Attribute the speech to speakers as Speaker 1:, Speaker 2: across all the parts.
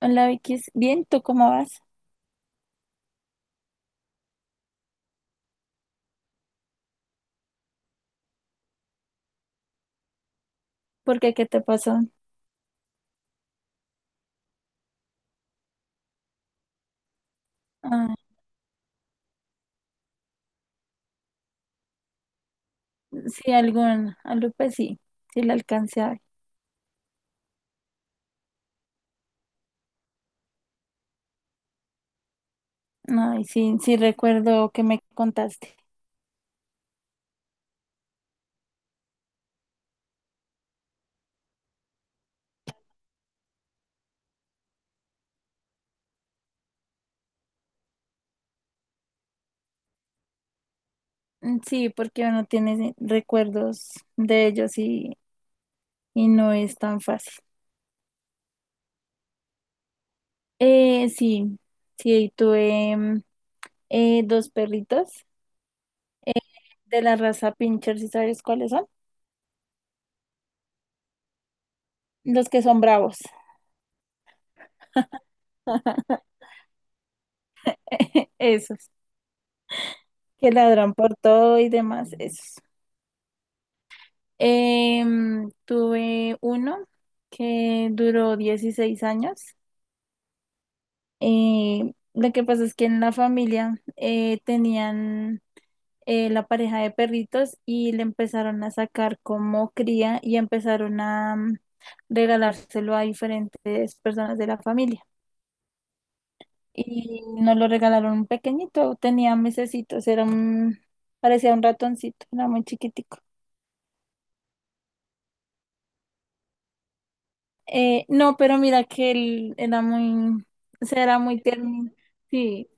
Speaker 1: Hola Vicky, bien, ¿tú cómo vas? ¿Por qué? ¿Qué te pasó? Ah, sí, algo pues sí, sí le alcancé a ver. Ay, sí, sí recuerdo que me contaste. Mm, sí, porque uno tiene recuerdos de ellos y no es tan fácil. Sí, sí, tuve dos perritos de la raza Pinscher, ¿sí sabes cuáles son? Los que son bravos, esos, que ladran por todo y demás, esos. Tuve uno que duró 16 años. Lo que pasa es que en la familia tenían la pareja de perritos y le empezaron a sacar como cría y empezaron a regalárselo a diferentes personas de la familia. Y nos lo regalaron un pequeñito, tenía mesecitos, parecía un ratoncito, era muy chiquitico. No, pero mira que o sea, era muy tierno. Sí,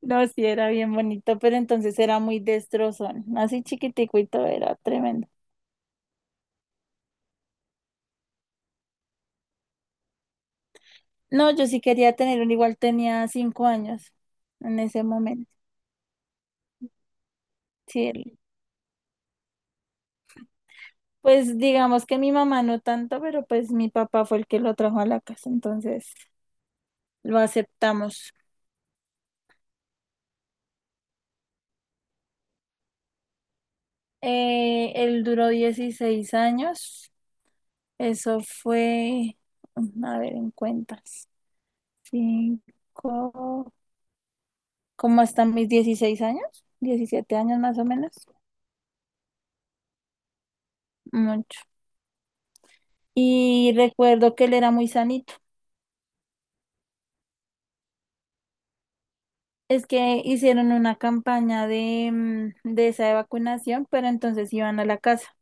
Speaker 1: no, sí, era bien bonito, pero entonces era muy destrozón. Así chiquitico y todo, era tremendo. No, yo sí quería tener uno, igual tenía 5 años en ese momento. Sí, pues digamos que mi mamá no tanto, pero pues mi papá fue el que lo trajo a la casa, entonces lo aceptamos. Él duró 16 años, eso fue, a ver, en cuentas. Cinco, ¿como hasta mis 16 años? 17 años más o menos. Mucho. Y recuerdo que él era muy sanito. Es que hicieron una campaña de esa de vacunación, pero entonces iban a la casa.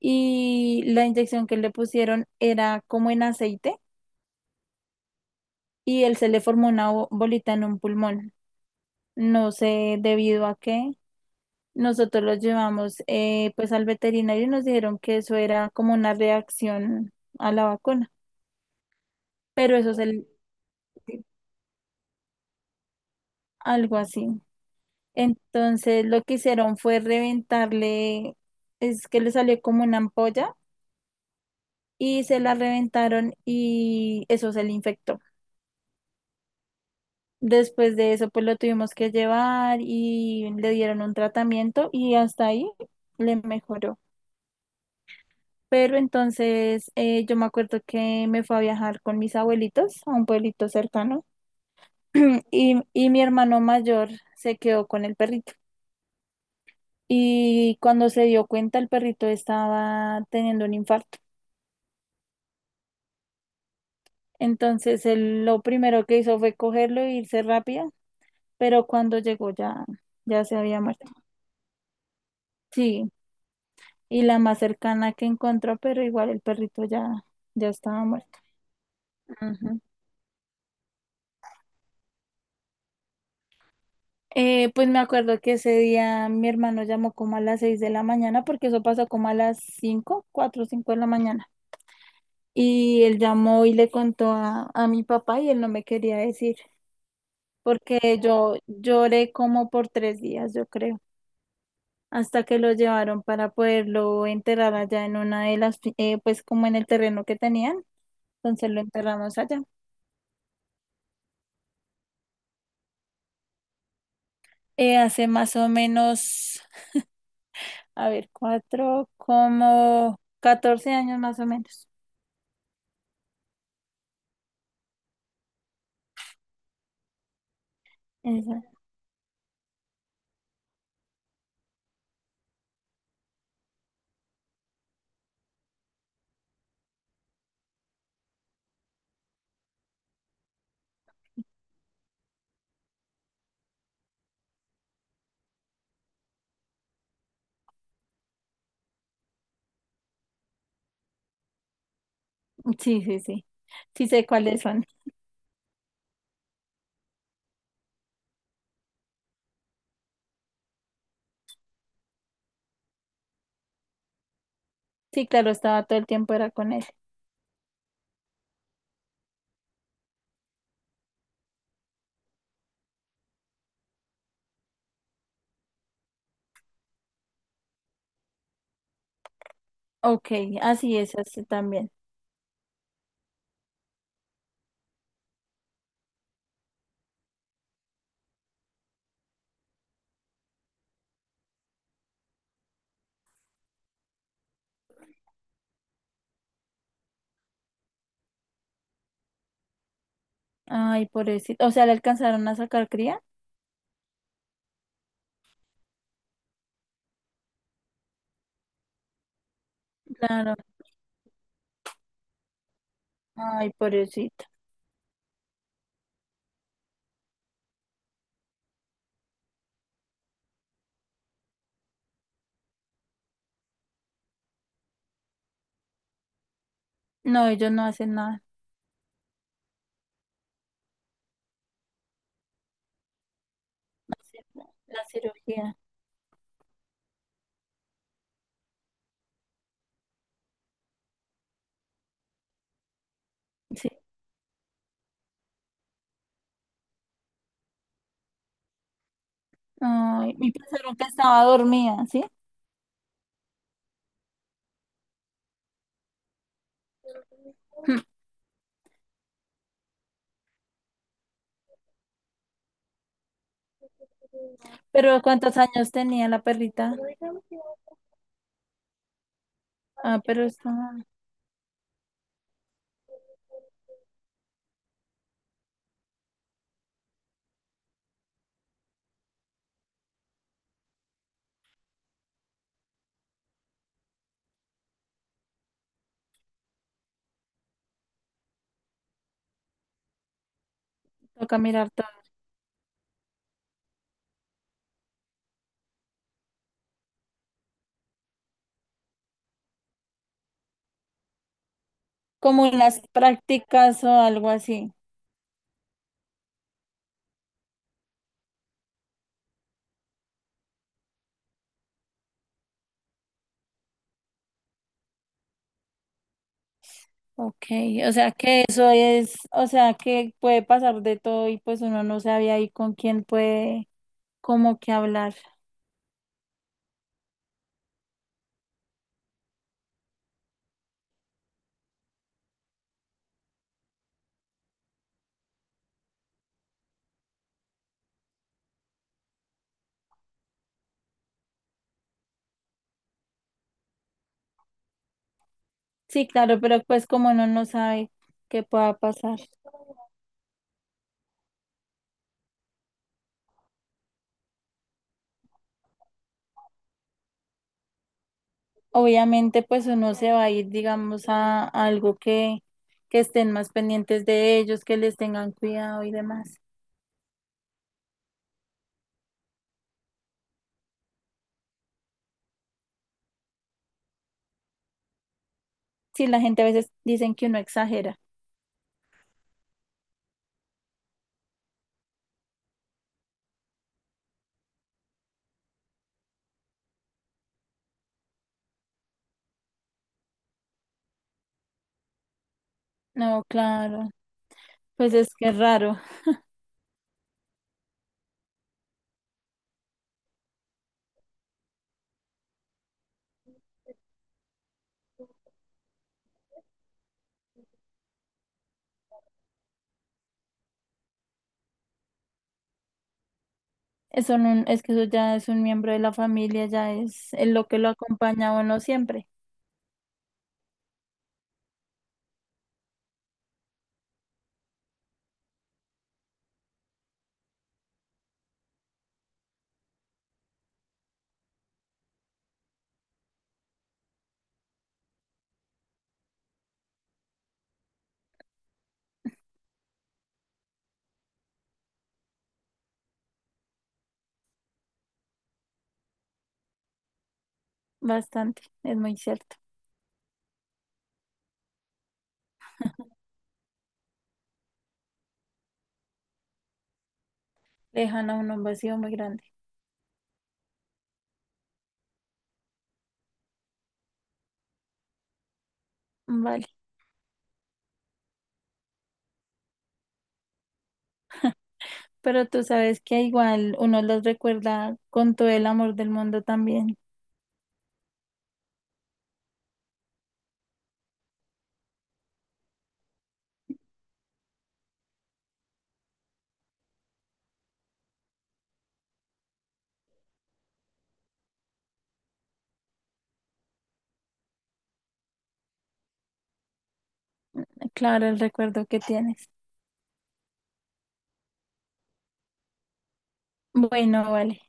Speaker 1: Y la inyección que le pusieron era como en aceite y él se le formó una bolita en un pulmón. No sé debido a qué. Nosotros lo llevamos pues al veterinario y nos dijeron que eso era como una reacción a la vacuna. Pero eso es el, algo así. Entonces lo que hicieron fue reventarle, es que le salió como una ampolla y se la reventaron y eso se le infectó. Después de eso, pues lo tuvimos que llevar y le dieron un tratamiento y hasta ahí le mejoró. Pero entonces yo me acuerdo que me fue a viajar con mis abuelitos a un pueblito cercano y mi hermano mayor se quedó con el perrito, y cuando se dio cuenta el perrito estaba teniendo un infarto. Entonces él lo primero que hizo fue cogerlo e irse rápido, pero cuando llegó ya se había muerto. Sí, y la más cercana que encontró, pero igual el perrito ya estaba muerto. Ujú. Pues me acuerdo que ese día mi hermano llamó como a las 6 de la mañana, porque eso pasó como a las 5, 4 o 5 de la mañana. Y él llamó y le contó a mi papá y él no me quería decir. Porque yo lloré como por 3 días, yo creo, hasta que lo llevaron para poderlo enterrar allá en una de las pues como en el terreno que tenían, entonces lo enterramos allá. Hace más o menos, a ver, cuatro, como 14 años más o menos. Esa- Sí, sí, sí. Sí sé cuáles son. Sí, claro, estaba todo el tiempo era con él. Ok, así es, así también. Ay, pobrecito. O sea, le alcanzaron a sacar cría. Claro. Ay, pobrecito. No, ellos no hacen nada, no hacen la cirugía, sí. Ay, y pensaron que estaba dormida, ¿sí? Mm. Pero ¿cuántos años tenía la perrita? Ah, pero está, toca mirar todo. Como en las prácticas o algo así. Ok, o sea que eso es, o sea que puede pasar de todo y pues uno no sabe ahí con quién como que hablar. Sí, claro, pero pues como uno no sabe qué pueda pasar. Obviamente, pues uno se va a ir, digamos, a algo que estén más pendientes de ellos, que les tengan cuidado y demás. Sí, la gente a veces dicen que uno exagera. No, claro, pues es que es raro. Eso no- es que eso ya es un miembro de la familia, ya es lo que lo acompaña a uno siempre. Bastante, es muy cierto. Dejan a uno un vacío muy grande. Vale, pero tú sabes que igual uno los recuerda con todo el amor del mundo también. Claro, el recuerdo que tienes. Bueno, vale.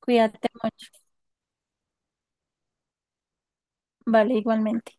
Speaker 1: Cuídate mucho. Vale, igualmente.